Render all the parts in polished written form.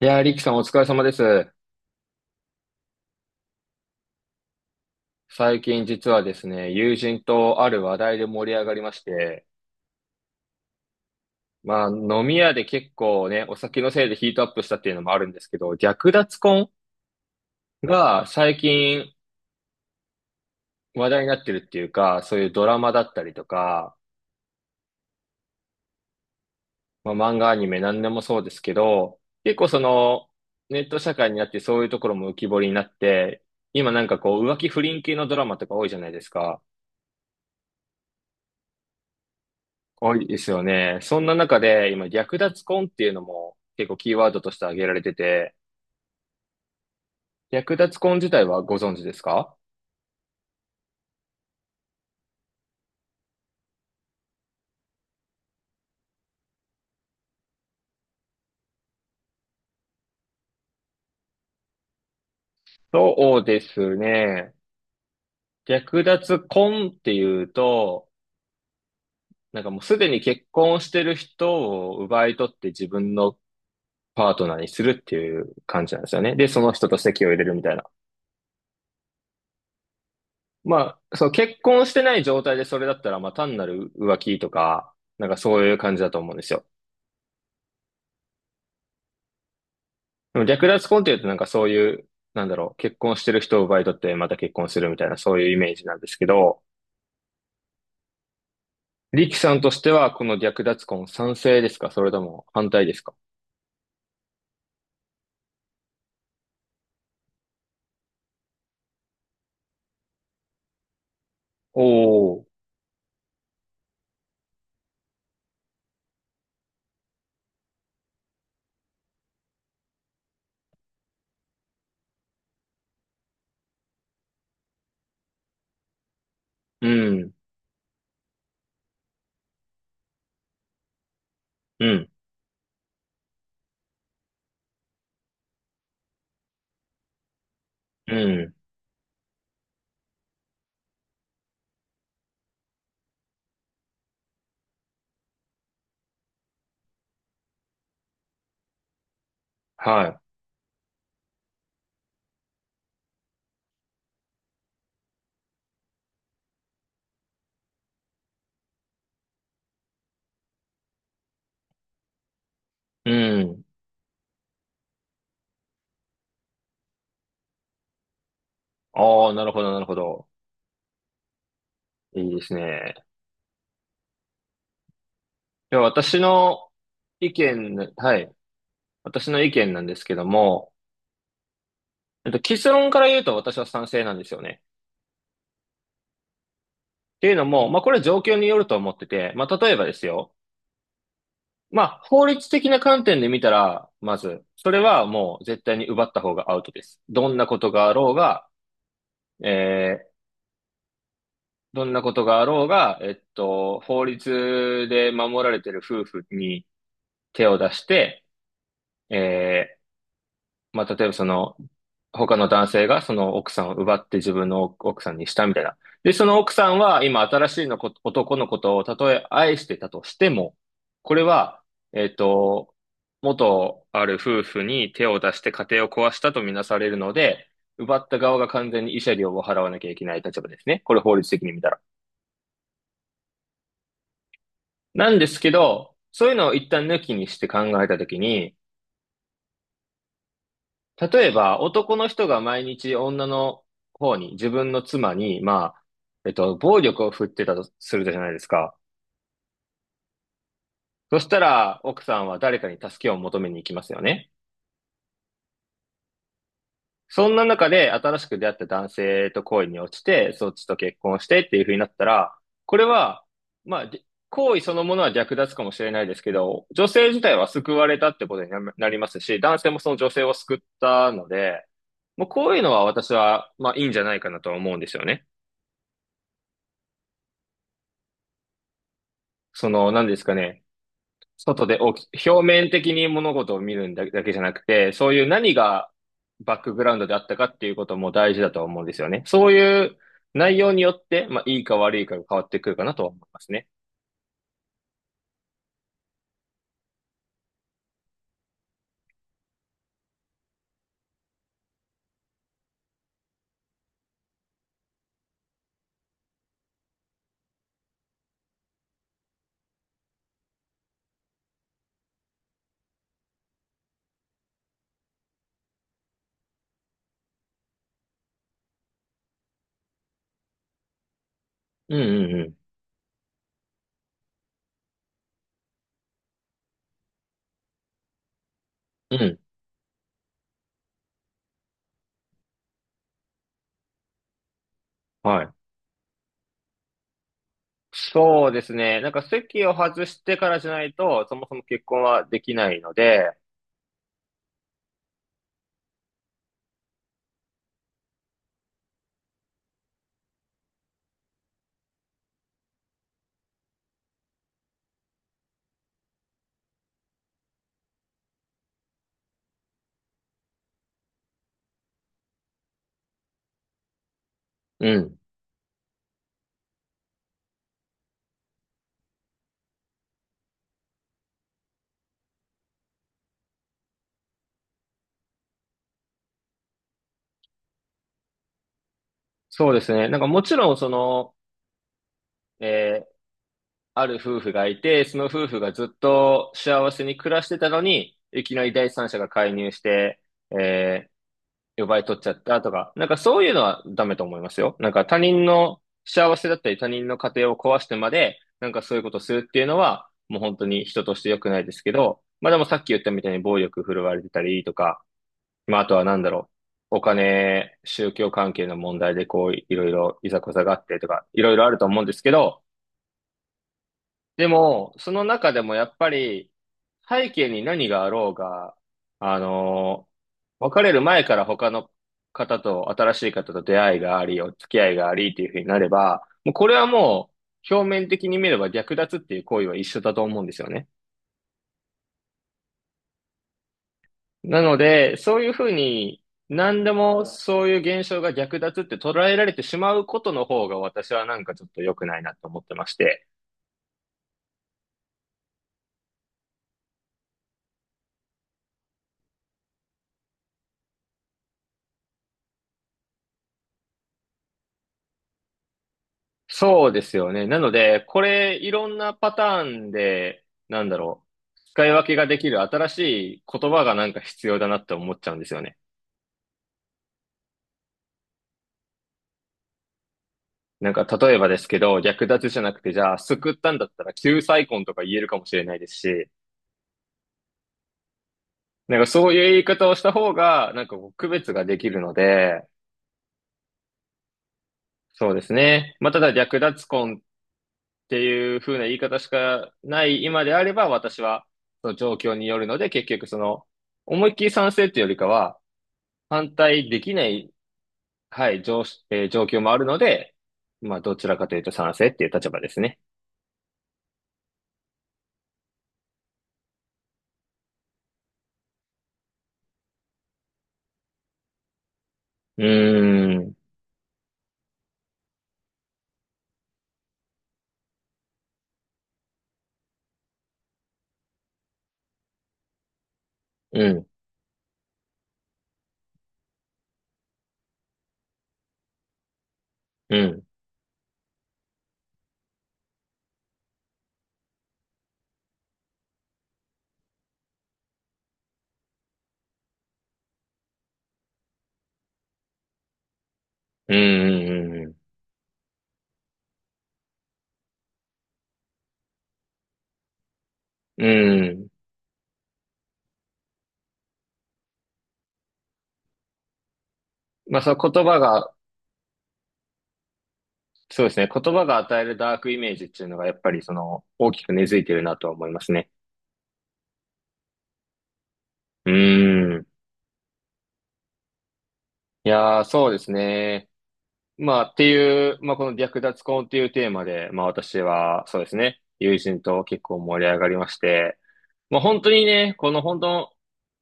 いやー、リキさんお疲れ様です。最近実はですね、友人とある話題で盛り上がりまして、まあ飲み屋で結構ね、お酒のせいでヒートアップしたっていうのもあるんですけど、略奪婚が最近話題になってるっていうか、そういうドラマだったりとか、まあ漫画アニメ何でもそうですけど、結構そのネット社会になってそういうところも浮き彫りになって、今なんかこう浮気不倫系のドラマとか多いじゃないですか。多いですよね。そんな中で、今、略奪婚っていうのも結構キーワードとして挙げられてて、略奪婚自体はご存知ですか？そうですね。略奪婚っていうと、なんかもうすでに結婚してる人を奪い取って自分のパートナーにするっていう感じなんですよね。で、その人と籍を入れるみたいな。まあ、そう、結婚してない状態でそれだったら、まあ単なる浮気とか、なんかそういう感じだと思うんですよ。でも略奪婚っていうとなんかそういう、なんだろう、結婚してる人を奪い取ってまた結婚するみたいなそういうイメージなんですけど、リキさんとしてはこの略奪婚賛成ですかそれとも反対ですか？おおー、うん、うん、うん、はい、うん。ああ、なるほど、なるほど。いいですね。では私の意見、はい。私の意見なんですけども、結論から言うと私は賛成なんですよね。っていうのも、まあ、これは状況によると思ってて、まあ、例えばですよ。まあ、法律的な観点で見たら、まず、それはもう絶対に奪った方がアウトです。どんなことがあろうが、えーどんなことがあろうが、法律で守られている夫婦に手を出して、えまあ、例えばその、他の男性がその奥さんを奪って自分の奥さんにしたみたいな。で、その奥さんは今新しいのこ男のことをたとえ愛してたとしても、これは、えっと、元ある夫婦に手を出して家庭を壊したとみなされるので、奪った側が完全に慰謝料を払わなきゃいけない立場ですね。これ法律的に見たら。なんですけど、そういうのを一旦抜きにして考えたときに、例えば、男の人が毎日女の方に、自分の妻に、まあ、暴力を振ってたとするじゃないですか。そしたら、奥さんは誰かに助けを求めに行きますよね。そんな中で、新しく出会った男性と恋に落ちて、そっちと結婚してっていう風になったら、これは、まあ、行為そのものは略奪かもしれないですけど、女性自体は救われたってことにななりますし、男性もその女性を救ったので、もうこういうのは私は、まあいいんじゃないかなとは思うんですよね。その、何ですかね、外で大き、表面的に物事を見るんだだけじゃなくて、そういう何がバックグラウンドであったかっていうことも大事だと思うんですよね。そういう内容によって、まあ、いいか悪いかが変わってくるかなとは思いますね。うんうんうん。うん。はい。そうですね。なんか席を外してからじゃないと、そもそも結婚はできないので、うん。そうですね。なんかもちろん、その、えーある夫婦がいて、その夫婦がずっと幸せに暮らしてたのに、いきなり第三者が介入して、え奪い取っちゃったとか、なんかそういうのはダメと思いますよ。なんか他人の幸せだったり他人の家庭を壊してまで、なんかそういうことするっていうのは、もう本当に人として良くないですけど、まあでもさっき言ったみたいに暴力振るわれてたりとか、まああとはなんだろう、お金、宗教関係の問題でこういろいろいざこざがあってとか、いろいろあると思うんですけど、でも、その中でもやっぱり、背景に何があろうが、あのー別れる前から他の方と、新しい方と出会いがあり、お付き合いがありっていうふうになれば、もうこれは、表面的に見れば略奪っていう行為は一緒だと思うんですよね。なので、そういうふうに、何でもそういう現象が略奪って捉えられてしまうことの方が私はなんかちょっと良くないなと思ってまして。そうですよね。なので、これ、いろんなパターンで、なんだろう、使い分けができる新しい言葉がなんか必要だなって思っちゃうんですよね。なんか、例えばですけど、略奪じゃなくて、じゃあ、救ったんだったら、救済婚とか言えるかもしれないですし、なんかそういう言い方をした方が、なんかこう区別ができるので、そうですね。まあ、ただ、略奪婚っていう風な言い方しかない今であれば、私は、その状況によるので、結局その、思いっきり賛成っていうよりかは、反対できない、はい、状し、状況もあるので、まあ、どちらかというと賛成っていう立場ですね。うーん、うん、うん、うん、うん、うん。まあ、その言葉が、そうですね、言葉が与えるダークイメージっていうのが、やっぱりその、大きく根付いてるなとは思いますね。うーん。いやー、そうですね。まあ、っていう、まあ、この略奪婚っていうテーマで、まあ、私は、そうですね、友人と結構盛り上がりまして、もう本当にね、この本当、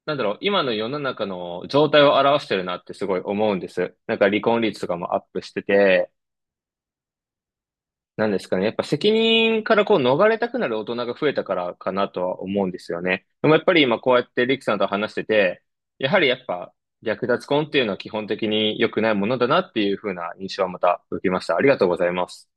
なんだろう、今の世の中の状態を表してるなってすごい思うんです。なんか離婚率とかもアップしてて、なんですかね、やっぱ責任からこう逃れたくなる大人が増えたからかなとは思うんですよね。でもやっぱり今こうやってリキさんと話してて、やはりやっぱ略奪婚っていうのは基本的に良くないものだなっていう風な印象はまた受けました。ありがとうございます。